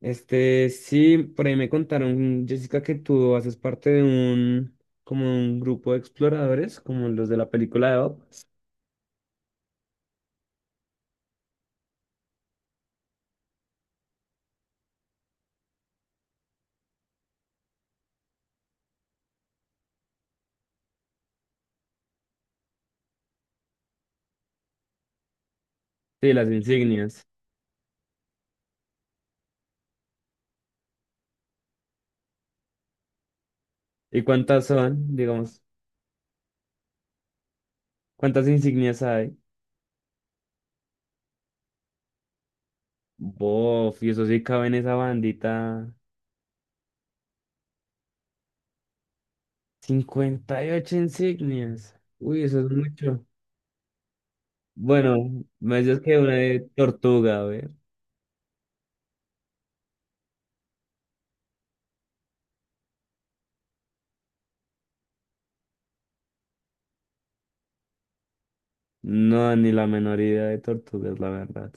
Sí, por ahí me contaron, Jessica, que tú haces parte de como un grupo de exploradores, como los de la película de Bob. Sí, las insignias. ¿Y cuántas son? Digamos, ¿cuántas insignias hay? Bof, y eso sí cabe en esa bandita. 58 insignias. Uy, eso es mucho. Bueno, me dices que una de tortuga, a ver. No, ni la menor idea de tortugas, la verdad.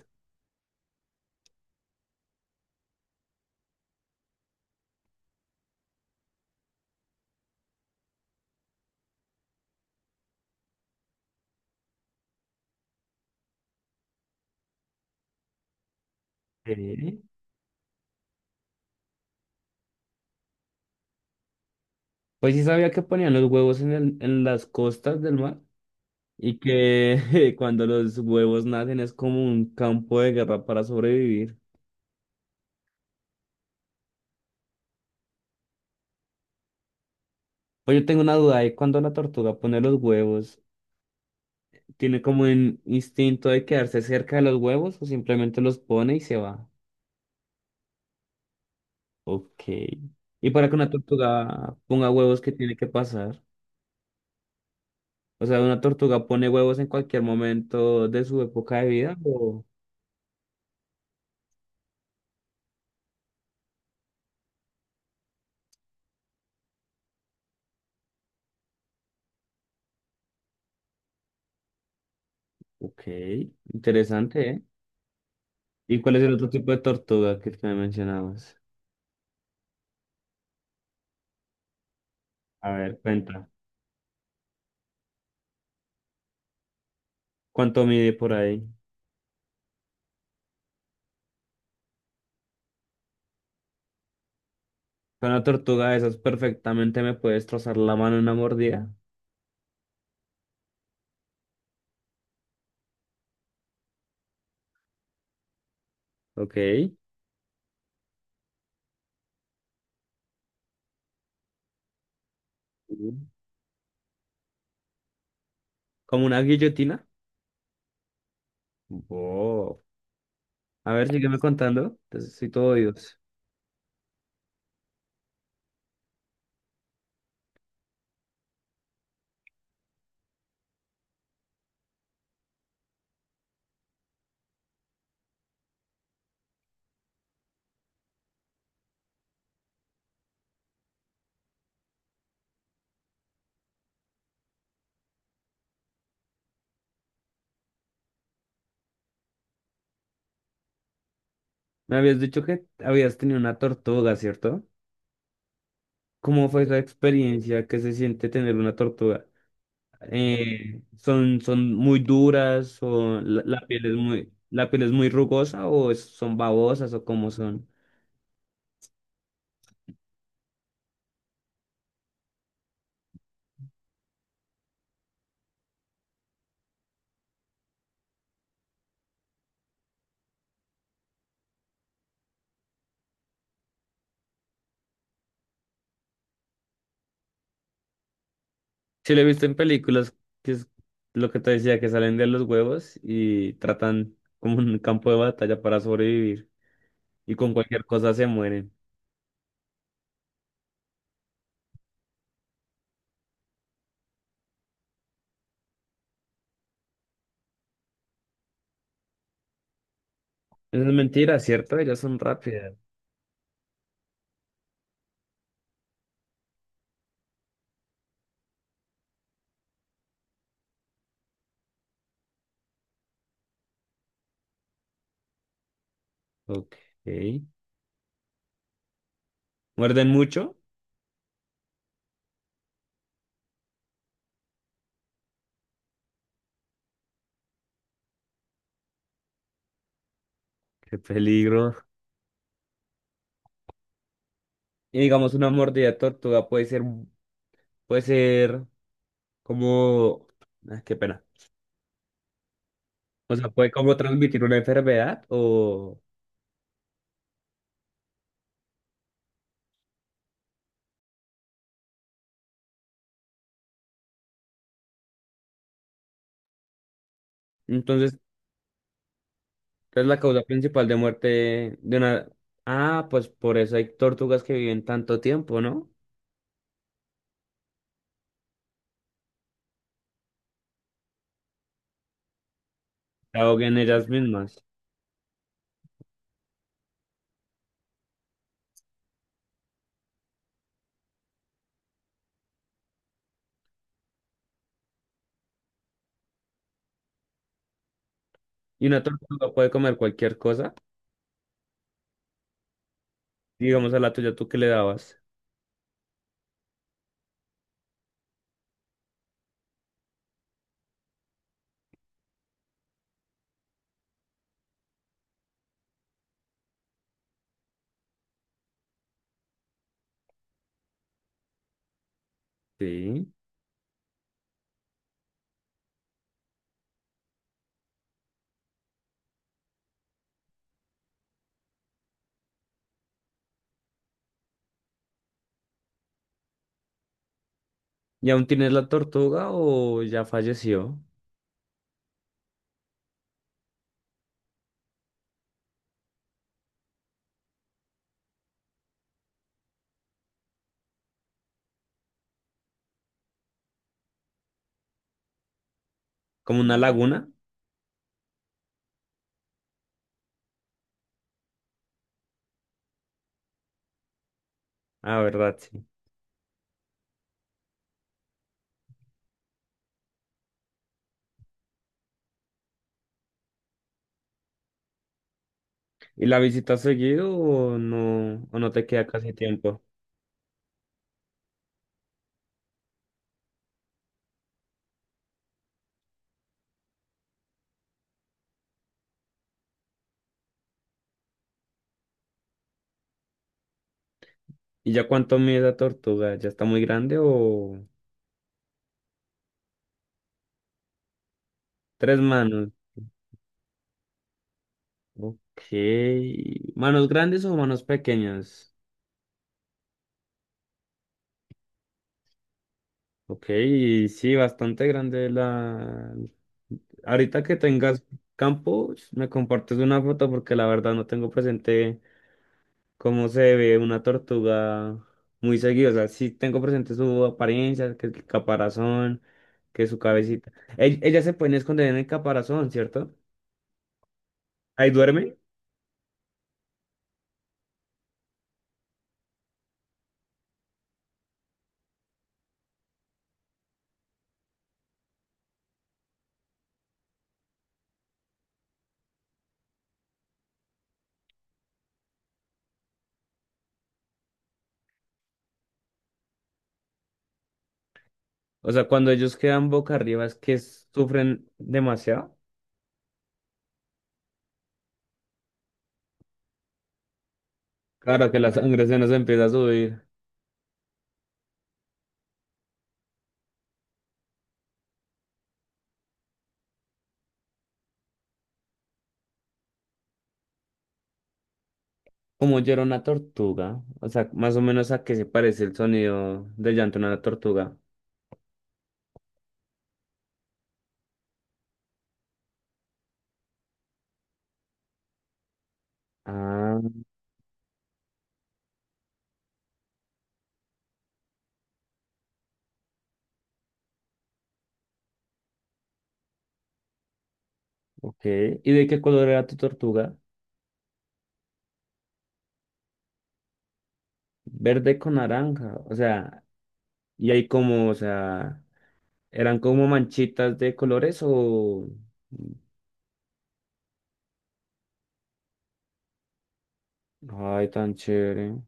¿Eh? Pues sí sabía que ponían los huevos en en las costas del mar y que cuando los huevos nacen es como un campo de guerra para sobrevivir. Pues yo tengo una duda de cuando la tortuga pone los huevos, ¿tiene como un instinto de quedarse cerca de los huevos o simplemente los pone y se va? Ok. ¿Y para que una tortuga ponga huevos, qué tiene que pasar? O sea, ¿una tortuga pone huevos en cualquier momento de su época de vida? O... Ok, interesante, ¿eh? ¿Y cuál es el otro tipo de tortuga que me mencionabas? A ver, cuenta. ¿Cuánto mide por ahí? Con una tortuga de esas perfectamente me puede destrozar la mano en una mordida. Ok. Sí. ¿Como una guillotina? Wow. A ver, sígueme contando. Entonces, soy todo oídos. Me habías dicho que habías tenido una tortuga, ¿cierto? ¿Cómo fue esa experiencia que se siente tener una tortuga? Son muy duras o la piel es muy, la piel es muy rugosa o son babosas o cómo son? Sí, lo he visto en películas, que es lo que te decía, que salen de los huevos y tratan como un campo de batalla para sobrevivir. Y con cualquier cosa se mueren. Eso es mentira, ¿cierto? Ellas son rápidas. Ok. Muerden mucho. Qué peligro. Y digamos, una mordida de tortuga puede ser como... ah, qué pena. O sea, puede como transmitir una enfermedad o... Entonces, es la causa principal de muerte de una... Ah, pues por eso hay tortugas que viven tanto tiempo, ¿no? Se ahogan ellas mismas. Y una tortuga puede comer cualquier cosa. Digamos a la tuya, ¿tú qué le dabas? Sí. ¿Y aún tienes la tortuga o ya falleció? ¿Como una laguna? Ah, verdad, sí. ¿Y la visitas seguido o no te queda casi tiempo? ¿Y ya cuánto mide la tortuga? ¿Ya está muy grande o...? Tres manos. Ok. ¿Manos grandes o manos pequeñas? Ok, y sí, bastante grande la... Ahorita que tengas campo, me compartes una foto porque la verdad no tengo presente cómo se ve una tortuga muy seguido. O sea, sí tengo presente su apariencia, que el caparazón, que su cabecita. Ellas se pueden esconder en el caparazón, ¿cierto? Ahí duerme. O sea, cuando ellos quedan boca arriba es que sufren demasiado. Claro que la sangre se nos empieza a subir. Como llora una tortuga. O sea, más o menos a qué se parece el sonido del llanto de una tortuga. Ah, ok. ¿Y de qué color era tu tortuga? Verde con naranja. O sea, y ahí como, o sea, ¿eran como manchitas de colores o...? Ay, tan chévere.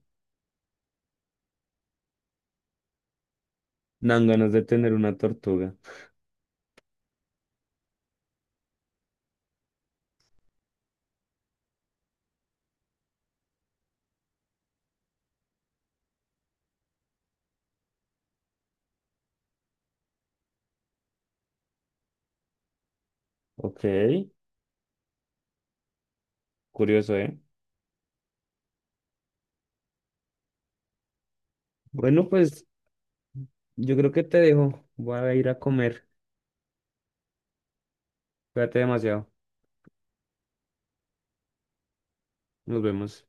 Dan ganas de tener una tortuga. Ok, curioso, ¿eh? Bueno, pues yo creo que te dejo. Voy a ir a comer. Cuídate demasiado. Nos vemos.